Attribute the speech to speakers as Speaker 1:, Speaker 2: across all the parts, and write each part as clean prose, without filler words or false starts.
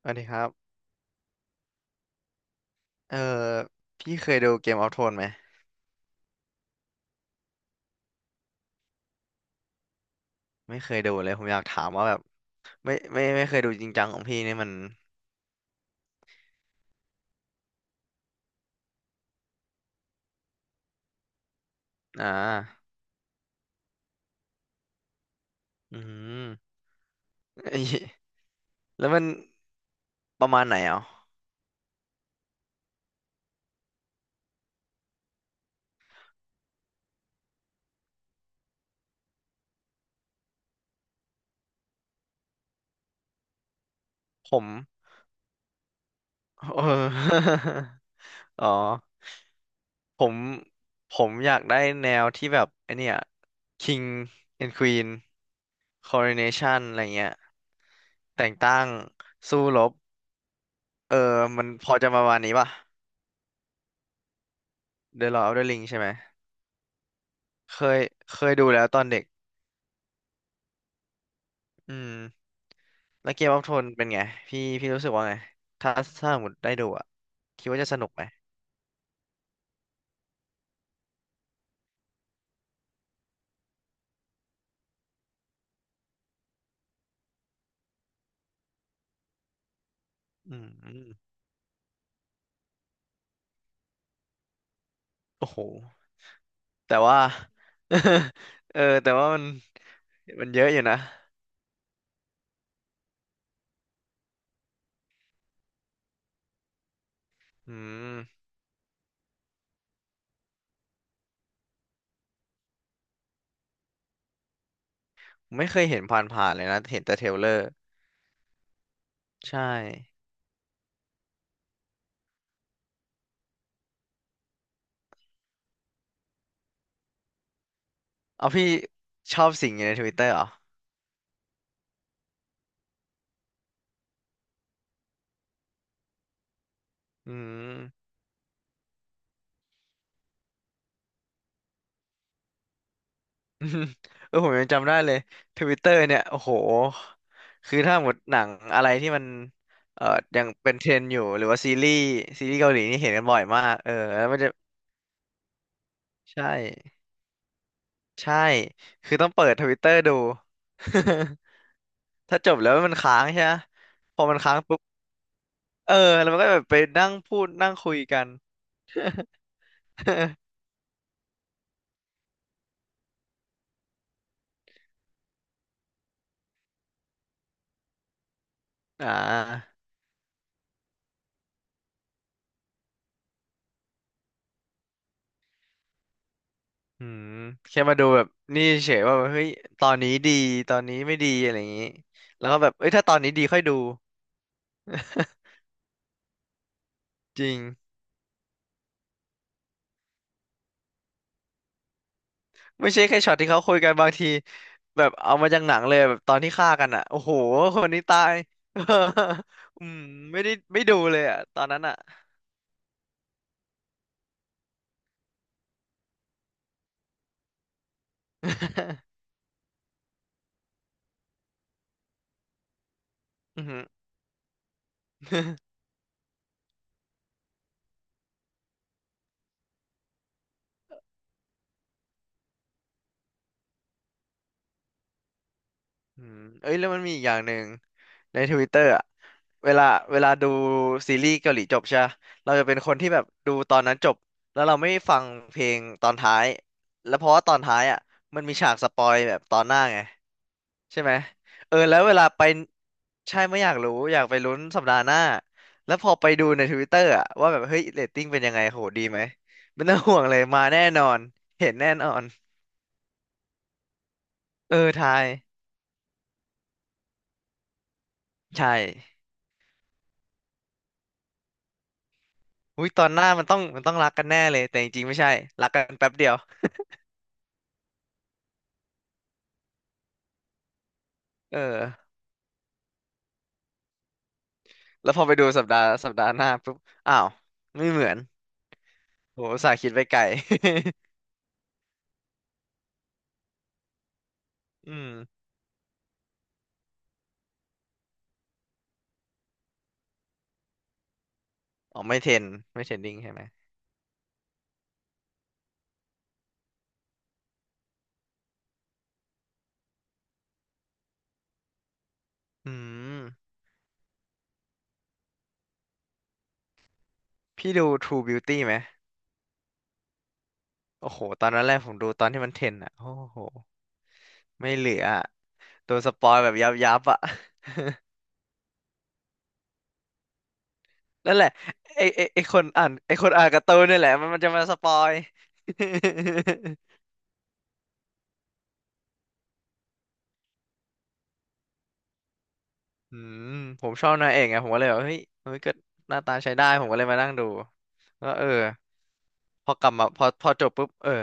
Speaker 1: สวัสดีครับ เออ พี่เคยดูเกมออฟโทนไหม ไม่เคยดูเลยผมอยากถามว่าแบบไม่เคยดูจริงจังของพี่นี่มัน อ่า อืม เอ้ยแล้วมันประมาณไหนอ่ะ ผมเออ อ๋อ ผมผมอยากได้แนวที่แบบไอเนี่ย King and Queen Coronation อะไรเงี้ย แต่งตั้งสู้รบเออ มันพอจะประมาณนี้ป่ะ The Lord of the Ring ใช่ไหม เคยเคยดูแล้วตอนเด็ก อืม แล้วเกมออฟโทนเป็นไง พี่รู้สึกว่าไง ถ้าถ้าสมมติได้ดูอ่ะคิดว่าจะสนุกไหม อืมโอ้โห แต่ว่า เออแต่ว่ามันมันเยอะอยู่นะ อืม ไม่เคยเห็นผ่านๆเลยนะ เห็นแต่เทรลเลอร์ ใช่ เอาพี่ชอบสิ่งอยู่ในทวิตเตอร์เหรออืม อืมเออผมยังจำได้เลยทวิตเตอร์เนี่ยโอ้โหคือถ้าหมดหนังอะไรที่มันเอ่อยังเป็นเทรนด์อยู่หรือว่าซีรีส์ซีรีส์เกาหลีนี่เห็นกันบ่อยมากเออแล้วมันจะใช่ใช่คือต้องเปิดทวิตเตอร์ดู ถ้าจบแล้วมันค้างใช่ไหมพอมันค้างปุ๊บเออแล้วมันก็แบบไปนั่งพูดนั่งคุยกัน อ่าอืมแค่มาดูแบบนี่เฉยว่าแบบเฮ้ยตอนนี้ดีตอนนี้ไม่ดีอะไรอย่างนี้แล้วก็แบบเอ้ยถ้าตอนนี้ดีค่อยดู จริงไม่ใช่แค่ช็อตที่เขาคุยกันบางทีแบบเอามาจากหนังเลยแบบตอนที่ฆ่ากันอ่ะโอ้โหคนนี้ตาย อืมไม่ได้ไม่ดูเลยอ่ะตอนนั้นอ่ะ อือหือ อืมเอ้ยแล้วมันมีอีกอย่างหนึ่ง ในทวิตเตอร์อะเวลาเวลาดูซีรีส์เกาหลีจบใช่ปะเราจะเป็นคนที่แบบดูตอนนั้นจบแล้วเราไม่ฟังเพลงตอนท้ายแล้วเพราะว่าตอนท้ายอ่ะมันมีฉากสปอยแบบตอนหน้าไงใช่ไหมเออแล้วเวลาไปใช่ไม่อยากรู้อยากไปลุ้นสัปดาห์หน้าแล้วพอไปดูในทวิตเตอร์อ่ะว่าแบบเฮ้ยเรตติ้งเป็นยังไงโหดีไหมไม่ต้องห่วงเลยมาแน่นอนเห็นแน่นอนเออทายใช่อุ้ยตอนหน้ามันต้องรักกันแน่เลยแต่จริงๆไม่ใช่รักกันแป๊บเดียว เออ แล้วพอไปดูสัปดาห์หน้าปุ๊บ อ้าว ไม่เหมือนโหอุตส่าห์คิดไปไกล อืมอ๋อไม่เทรนไม่เทรนดิ้งใช่ไหม อืมพี่ดู True Beauty ไหม โอ้โห ตอนนั้นแรกผมดูตอนที่มันเทรนอ่ะโอ้โห ไม่เหลืออะโดนสปอยแบบยับยับอ่ะ นั่นแหละไอคนอ่านไอคนอ่านการ์ตูนนี่แหละมันจะมาสปอย อืมผมชอบนางเอกไงผมก็เลยแบบเฮ้ยเฮ้ยก็หน้าตาใช้ได้ผมก็เลยมานั่งดูก็เออ พอกลับมาพอจบปุ๊บเออ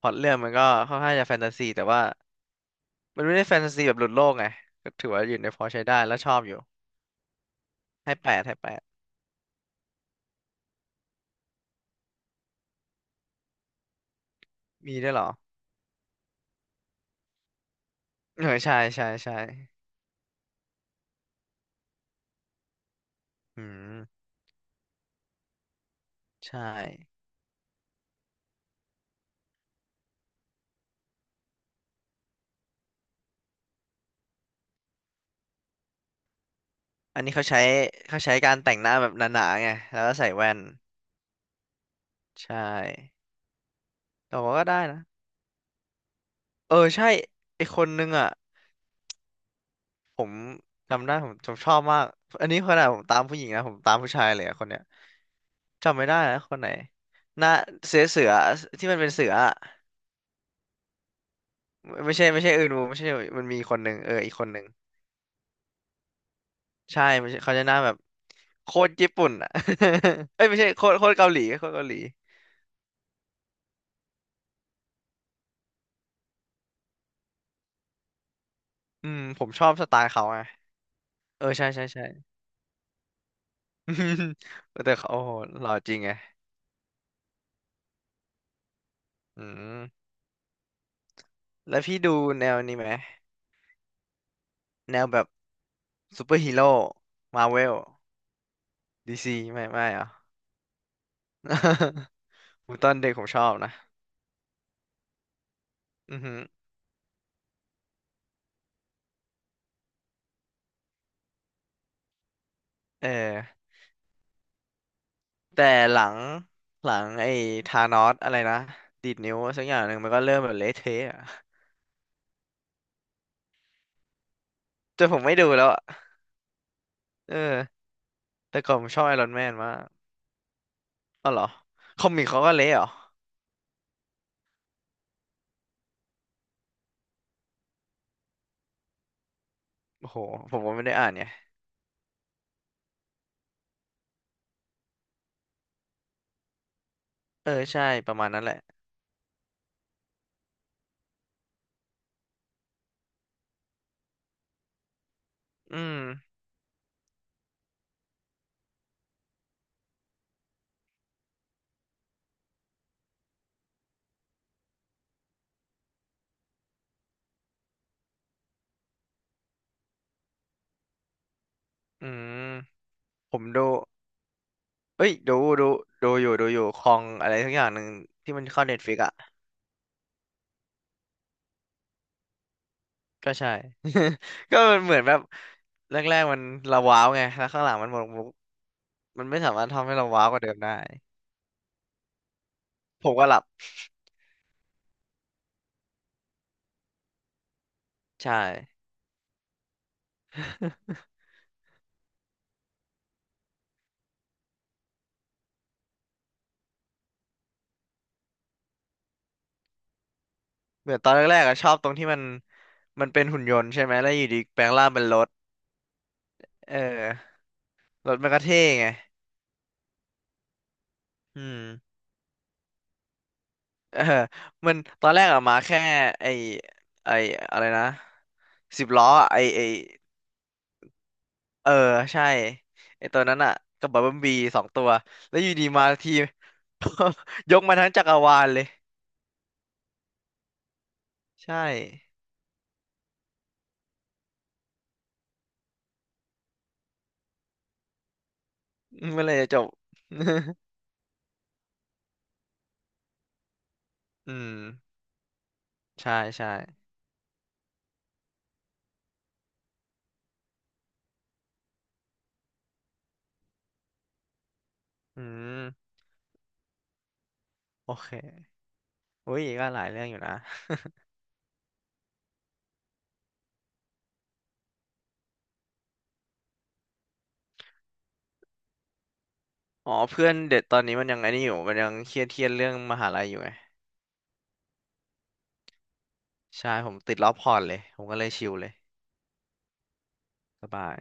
Speaker 1: พล็อตเรื่องมันก็ค่อนข้างจะแฟนตาซีแต่ว่ามันไม่ได้แฟนตาซีแบบหลุดโลกไงก็ถือว่าอยู่ในพอใช้ได้แล้วชอบอยู่ให้แปดให้แปดมีได้วยเหรอเออใช่ใช่ใช่อืมใช่อันนี้เขาใช้เขาใช้การแต่งหน้าแบบหนาๆไงแล้วก็ใส่แว่นใช่แต่ว่าก็ได้นะเออใช่ไอคนนึงอ่ะผมจำได้ผมชอบมากอันนี้ขนาดผมตามผู้หญิงนะผมตามผู้ชายเลยอะคนเนี้ย จำไม่ได้แล้วคนไหนหน้าเสือเสือที่มันเป็นเสืออะไม่ใช่ไม่ใช่อื่นวูไม่ใช่มันมีคนหนึ่งเอออีกคนหนึ่งใช่ไมใช่เขาจะหน้าแบบโคตรญี่ปุ่นอ่ะ เอ้ยไม่ใช่โคตรโคตรเกาหลีโคตรเกาหลีอืมผมชอบสไตล์เขาไงเออใช่ใช่ใช่ แต่เขาโอ้โหหล่อจริงไงอืมแล้วพี่ดูแนวนี้ไหมแนวแบบซูเปอร์ฮีโร่มาเวลดีซีไม่ไม่เหรอ ผมตอนเด็กผมชอบนะอือหือเออ แต่หลังหลังไอ้ธานอสอะไรนะดีดนิ้วสักอย่างหนึ่งมันก็เริ่มแบบเละเทะอะจนผมไม่ดูแล้วอะเออแต่ก่อนผมชอบไอรอนแมนมากอ๋อเหรอคอมิกเขาก็เละเหรอโอ้โหผมก็ไม่ได้อ่านไงเออใช่ประมาณนั้นแหละอืมอืมผมดูเอ้ยดูดูอยู่คองอะไรสักอย่างหนึ่งที่มันเข้าเน็ตฟิกอะก็ใช่ ก็มันเหมือนแบบแรกๆมันเราว้าวไงแล้วข้างหลังมันหมดมุกมันไม่สามารถทำให้เราว้าวกว่าเดิมได้ผมก็หลับ ใช่ เหมือนตอนแรกๆอะชอบตรงที่มันมันเป็นหุ่นยนต์ใช่ไหมแล้วอยู่ดีแปลงร่างเป็นรถเออรถมันก็เท่ไงอืมเออมันตอนแรกอะมาแค่ไอไออะไรนะสิบล้ออะไอเออใช่ไอตัวนั้นอะกับบับเบิ้ลบีสองตัวแล้วอยู่ดีมาที ยกมาทั้งจักรวาลเลยใช่อืมเมื่อไหรจะจบ อืมใช่ใช่อืมโอเคอุ้ยก็หลายเรื่องอยู่นะ อ๋อเพื่อนเด็ดตอนนี้มันยังไอ้นี่อยู่มันยังเครียดเครียดเรื่องมหาลัยอยู่ไงใช่ผมติดรอบพอร์ตเลยผมก็เลยชิลเลยสบาย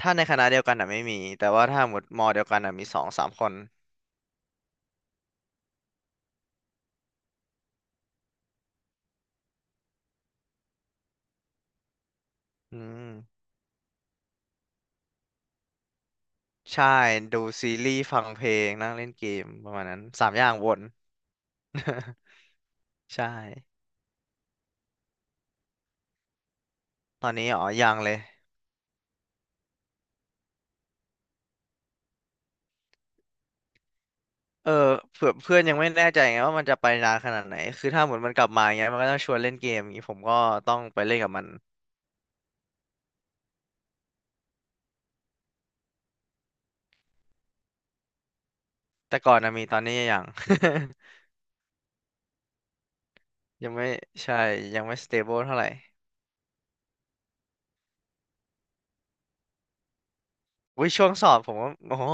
Speaker 1: ถ้าในคณะเดียวกันอ่ะไม่มีแต่ว่าถ้าหมดมอเดียวกันอ่ะมีสองสามคนอืมใช่ดูซีรีส์ฟังเพลงนั่งเล่นเกมประมาณนั้นสามอย่างวน ใช่ตอนนี้อ๋อยังเลยเออเผื่อเพื่อนยังไม่แน่ใจไงว่ามันจะไปนานขนาดไหนคือถ้าหมดมันกลับมาอย่างเงี้ยมันก็ต้องชวนเล่นเกมอย่างงี้ผมก็ต้องไปเล่นกับมันแต่ก่อนนะมีตอนนี้ยัง ยังไม่ใช่ยังไม่สเตเบิลเท่าไหร่อุ้ยช่วงสอบผมก็โอ้โห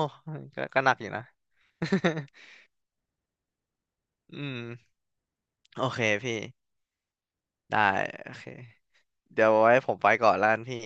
Speaker 1: ก็หนักอยู่นะ อืมโอเคพี่ได้โอเคเดี๋ยวไว้ผมไปก่อนแล้วกันพี่